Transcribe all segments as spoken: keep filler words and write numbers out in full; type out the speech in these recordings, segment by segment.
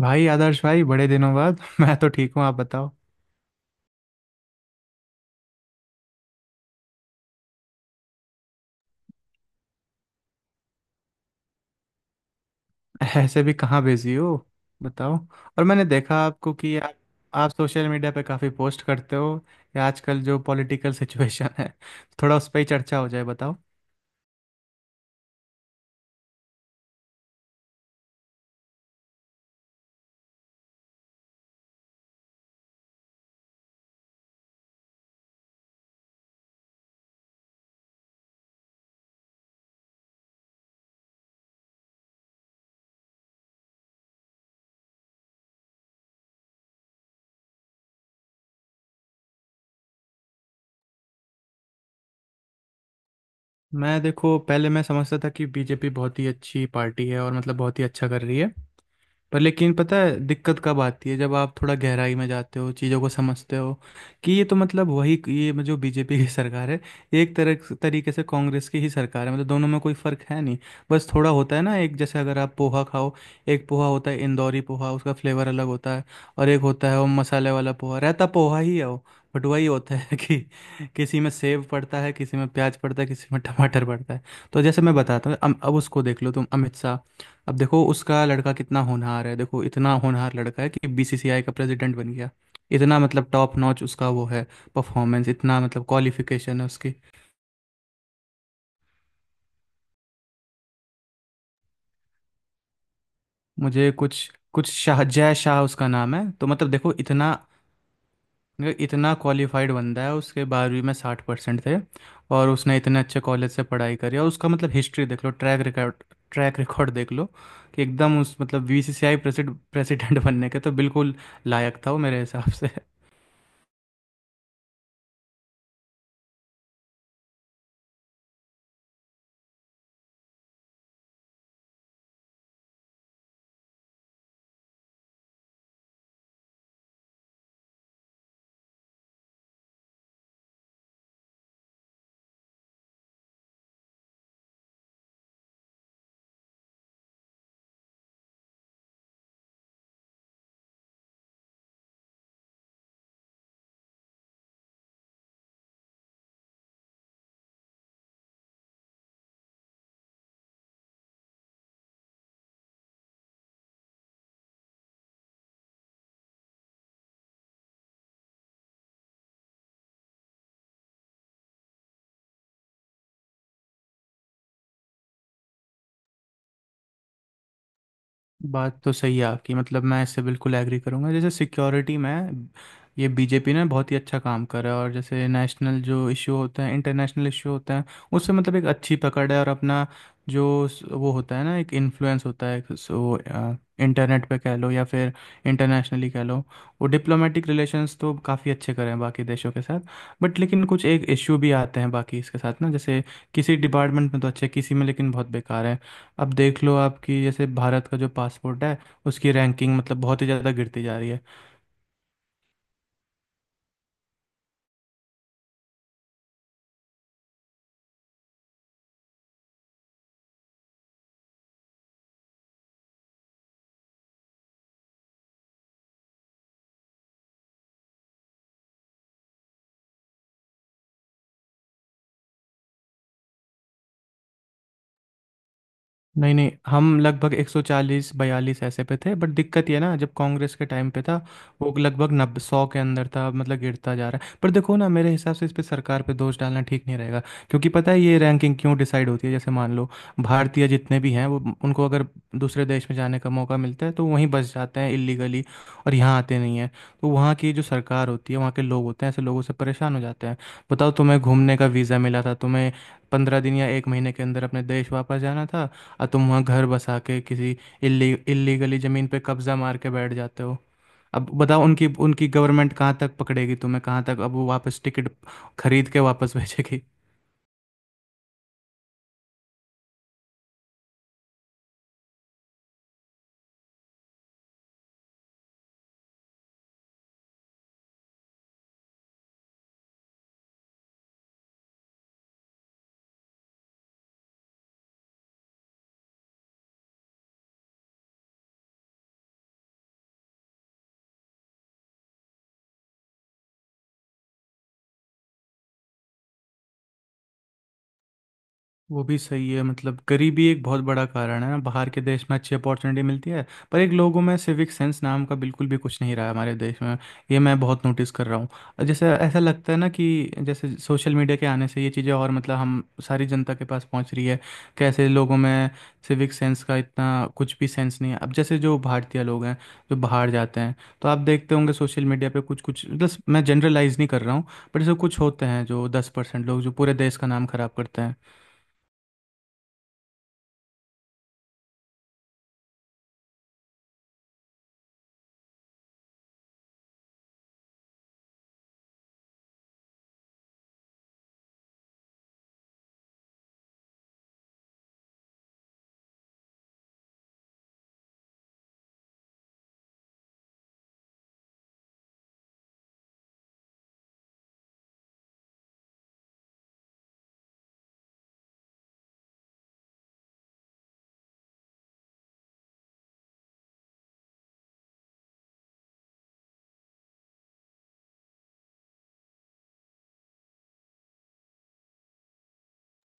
भाई आदर्श भाई बड़े दिनों बाद मैं तो ठीक हूँ। आप बताओ। ऐसे भी कहाँ बिजी हो? बताओ। और मैंने देखा आपको कि आप आप सोशल मीडिया पे काफ़ी पोस्ट करते हो, या आजकल जो पॉलिटिकल सिचुएशन है, थोड़ा उस पर ही चर्चा हो जाए, बताओ। मैं, देखो, पहले मैं समझता था कि बीजेपी बहुत ही अच्छी पार्टी है और मतलब बहुत ही अच्छा कर रही है। पर लेकिन पता है दिक्कत कब आती है, जब आप थोड़ा गहराई में जाते हो, चीज़ों को समझते हो कि ये तो मतलब वही, ये जो बीजेपी की सरकार है, ये एक तरह तरीके से कांग्रेस की ही सरकार है। मतलब दोनों में कोई फ़र्क है नहीं। बस थोड़ा होता है ना, एक जैसे अगर आप पोहा खाओ, एक पोहा होता है इंदौरी पोहा, उसका फ्लेवर अलग होता है, और एक होता है वो मसाले वाला पोहा, रहता पोहा ही है वो। बट वही होता है कि किसी में सेव पड़ता है, किसी में प्याज पड़ता है, किसी में टमाटर पड़ता है। तो जैसे मैं बताता हूँ, अब अब उसको देख लो तुम, अमित शाह। अब देखो उसका लड़का कितना होनहार है, देखो इतना होनहार लड़का है कि बीसीसीआई का प्रेसिडेंट बन गया। इतना मतलब टॉप नॉच उसका वो है, परफॉर्मेंस, इतना मतलब क्वालिफिकेशन है उसकी। मुझे कुछ कुछ शाह, जय शाह उसका नाम है। तो मतलब देखो, इतना इतना क्वालिफाइड बंदा है, उसके बारहवीं में साठ परसेंट थे। और उसने इतने अच्छे कॉलेज से पढ़ाई करी, और उसका मतलब हिस्ट्री देख लो, ट्रैक रिकॉर्ड। ट्रैक रिकॉर्ड देख लो कि एकदम उस मतलब बीसीसीआई प्रेसिडेंट प्रेसिडेंट बनने के तो बिल्कुल लायक था वो मेरे हिसाब से। बात तो सही है आपकी। मतलब मैं इससे बिल्कुल एग्री करूंगा। जैसे सिक्योरिटी में ये बीजेपी ने बहुत ही अच्छा काम करा है, और जैसे नेशनल जो इशू होते हैं, इंटरनेशनल इशू होते हैं, उससे मतलब एक अच्छी पकड़ है, और अपना जो स- वो होता है ना, एक इन्फ्लुएंस होता है, सो इंटरनेट पे कह लो या फिर इंटरनेशनली कह लो, वो डिप्लोमेटिक रिलेशंस तो काफ़ी अच्छे करे हैं बाकी देशों के साथ। बट लेकिन कुछ एक इशू भी आते हैं बाकी इसके साथ ना, जैसे किसी डिपार्टमेंट में तो अच्छे, किसी में लेकिन बहुत बेकार है। अब देख लो आपकी जैसे भारत का जो पासपोर्ट है, उसकी रैंकिंग मतलब बहुत ही ज़्यादा गिरती जा रही है। नहीं नहीं, हम लगभग एक सौ चालीस बयालीस ऐसे पे थे। बट दिक्कत ये है ना, जब कांग्रेस के टाइम पे था वो लगभग नब्बे सौ के अंदर था। अब मतलब गिरता जा रहा है। पर देखो ना, मेरे हिसाब से इस पे, सरकार पे दोष डालना ठीक नहीं रहेगा। क्योंकि पता है ये रैंकिंग क्यों डिसाइड होती है? जैसे मान लो, भारतीय जितने भी हैं, वो उनको अगर दूसरे देश में जाने का मौका मिलता है, तो वहीं बस जाते हैं इलीगली, और यहाँ आते नहीं हैं। तो वहाँ की जो सरकार होती है, वहाँ के लोग होते हैं, ऐसे लोगों से परेशान हो जाते हैं। बताओ, तुम्हें घूमने का वीज़ा मिला था, तुम्हें पंद्रह दिन या एक महीने के अंदर अपने देश वापस जाना था, और तुम वहाँ घर बसा के किसी इल्ली इल्लीगली ज़मीन पे कब्ज़ा मार के बैठ जाते हो। अब बताओ, उनकी उनकी गवर्नमेंट कहाँ तक पकड़ेगी तुम्हें, कहाँ तक अब वो वापस टिकट खरीद के वापस भेजेगी। वो भी सही है। मतलब गरीबी एक बहुत बड़ा कारण है ना, बाहर के देश में अच्छी अपॉर्चुनिटी मिलती है। पर एक लोगों में सिविक सेंस नाम का बिल्कुल भी कुछ नहीं रहा है हमारे देश में, ये मैं बहुत नोटिस कर रहा हूँ। और जैसे ऐसा लगता है ना कि जैसे सोशल मीडिया के आने से ये चीज़ें, और मतलब हम, सारी जनता के पास पहुँच रही है कैसे लोगों में सिविक सेंस का इतना कुछ भी सेंस नहीं है। अब जैसे जो भारतीय लोग हैं जो बाहर जाते हैं, तो आप देखते होंगे सोशल मीडिया पे कुछ कुछ, मतलब मैं जनरलाइज नहीं कर रहा हूँ, पर जैसे कुछ होते हैं जो दस परसेंट लोग जो पूरे देश का नाम खराब करते हैं।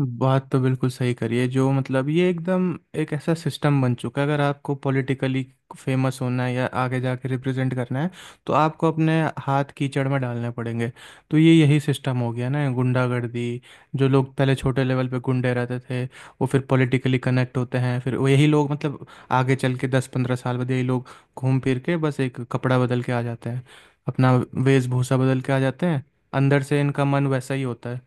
बात तो बिल्कुल सही करी है जो, मतलब ये एकदम एक ऐसा सिस्टम बन चुका है। अगर आपको पॉलिटिकली फेमस होना है या आगे जाके रिप्रेजेंट करना है, तो आपको अपने हाथ कीचड़ में डालने पड़ेंगे। तो ये यही सिस्टम हो गया ना, गुंडागर्दी। जो लोग पहले छोटे लेवल पे गुंडे रहते थे, वो फिर पॉलिटिकली कनेक्ट होते हैं, फिर वो यही लोग, मतलब आगे चल के दस पंद्रह साल बाद यही लोग घूम फिर के बस एक कपड़ा बदल के आ जाते हैं, अपना वेशभूषा बदल के आ जाते हैं। अंदर से इनका मन वैसा ही होता है।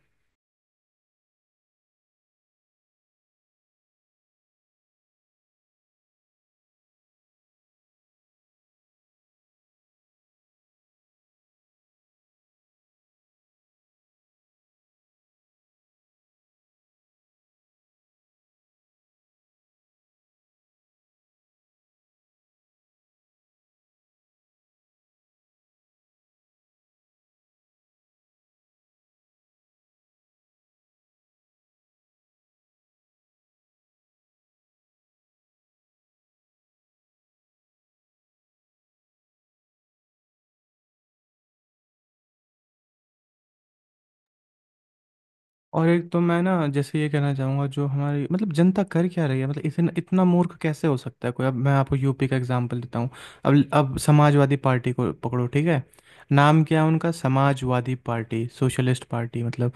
और एक तो मैं ना जैसे ये कहना चाहूँगा, जो हमारी मतलब जनता कर क्या रही है, मतलब इतना इतना मूर्ख कैसे हो सकता है कोई। अब मैं आपको यूपी का एग्जांपल देता हूँ। अब अब समाजवादी पार्टी को पकड़ो, ठीक है, नाम क्या है उनका? समाजवादी पार्टी, सोशलिस्ट पार्टी, मतलब।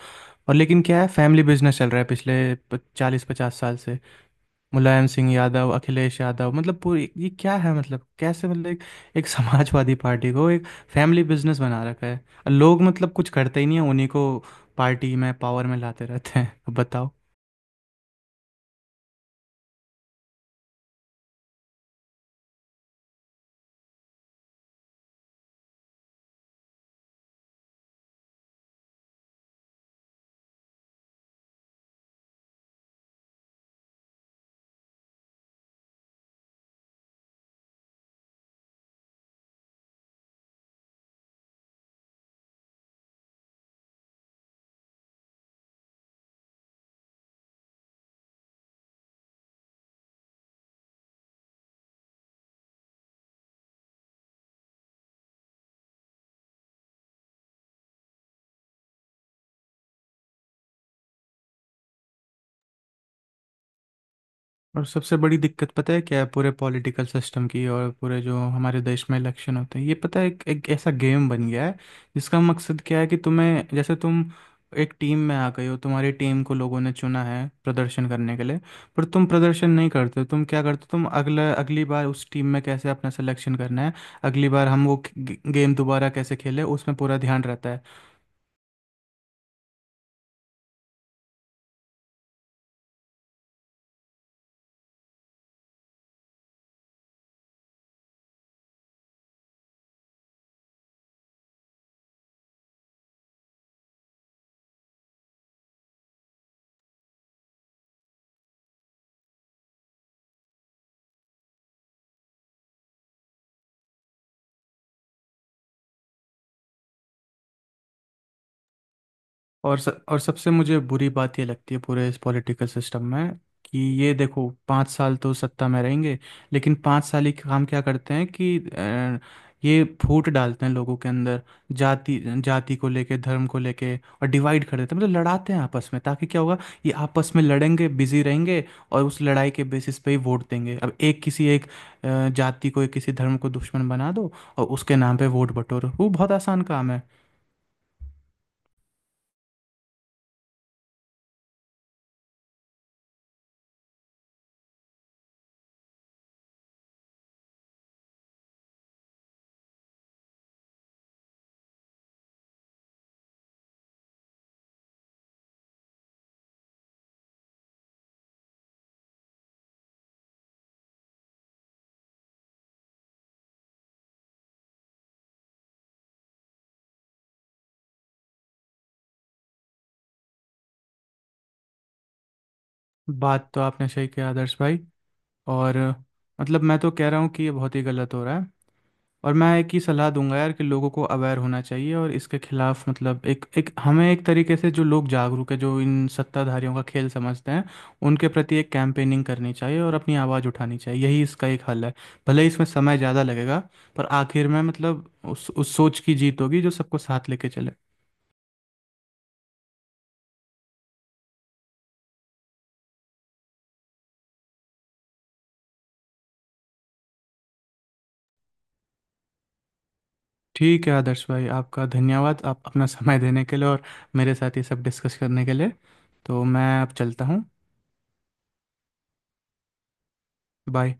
और लेकिन क्या है? फैमिली बिजनेस चल रहा है पिछले चालीस पचास साल से। मुलायम सिंह यादव, अखिलेश यादव, मतलब पूरी, ये क्या है? मतलब कैसे? मतलब एक, एक समाजवादी पार्टी को एक फैमिली बिजनेस बना रखा है, और लोग मतलब कुछ करते ही नहीं है। उन्हीं को पार्टी में, पावर में लाते रहते हैं। अब बताओ। और सबसे बड़ी दिक्कत पता है क्या है पूरे पॉलिटिकल सिस्टम की? और पूरे जो हमारे देश में इलेक्शन होते हैं, ये पता है एक, एक ऐसा गेम बन गया है जिसका मकसद क्या है कि तुम्हें, जैसे तुम एक टीम में आ गए हो, तुम्हारी टीम को लोगों ने चुना है प्रदर्शन करने के लिए, पर तुम प्रदर्शन नहीं करते हो, तुम क्या करते हो, तुम अगला अगली बार उस टीम में कैसे अपना सिलेक्शन करना है, अगली बार हम वो गे- गेम दोबारा कैसे खेले, उसमें पूरा ध्यान रहता है। और स, और सबसे मुझे बुरी बात ये लगती है पूरे इस पॉलिटिकल सिस्टम में कि ये देखो पाँच साल तो सत्ता में रहेंगे, लेकिन पाँच साल ही काम क्या करते हैं कि अ, ये फूट डालते हैं लोगों के अंदर, जाति, जाति को लेके धर्म को लेके, और डिवाइड कर देते हैं। मतलब लड़ाते हैं आपस में ताकि क्या होगा, ये आपस में लड़ेंगे, बिजी रहेंगे, और उस लड़ाई के बेसिस पे ही वोट देंगे। अब एक किसी एक अ, जाति को, एक किसी धर्म को दुश्मन बना दो, और उसके नाम पे वोट बटोरो, वो बहुत आसान काम है। बात तो आपने सही किया आदर्श भाई। और मतलब मैं तो कह रहा हूँ कि ये बहुत ही गलत हो रहा है, और मैं एक ही सलाह दूंगा यार कि लोगों को अवेयर होना चाहिए, और इसके खिलाफ मतलब एक एक हमें एक तरीके से, जो लोग जागरूक है, जो इन सत्ताधारियों का खेल समझते हैं, उनके प्रति एक कैंपेनिंग करनी चाहिए और अपनी आवाज़ उठानी चाहिए। यही इसका एक हल है। भले ही इसमें समय ज़्यादा लगेगा, पर आखिर में मतलब उस उस सोच की जीत होगी जो सबको साथ लेके चले। ठीक है आदर्श भाई, आपका धन्यवाद आप अपना समय देने के लिए, और मेरे साथ ये सब डिस्कस करने के लिए। तो मैं अब चलता हूँ। बाय।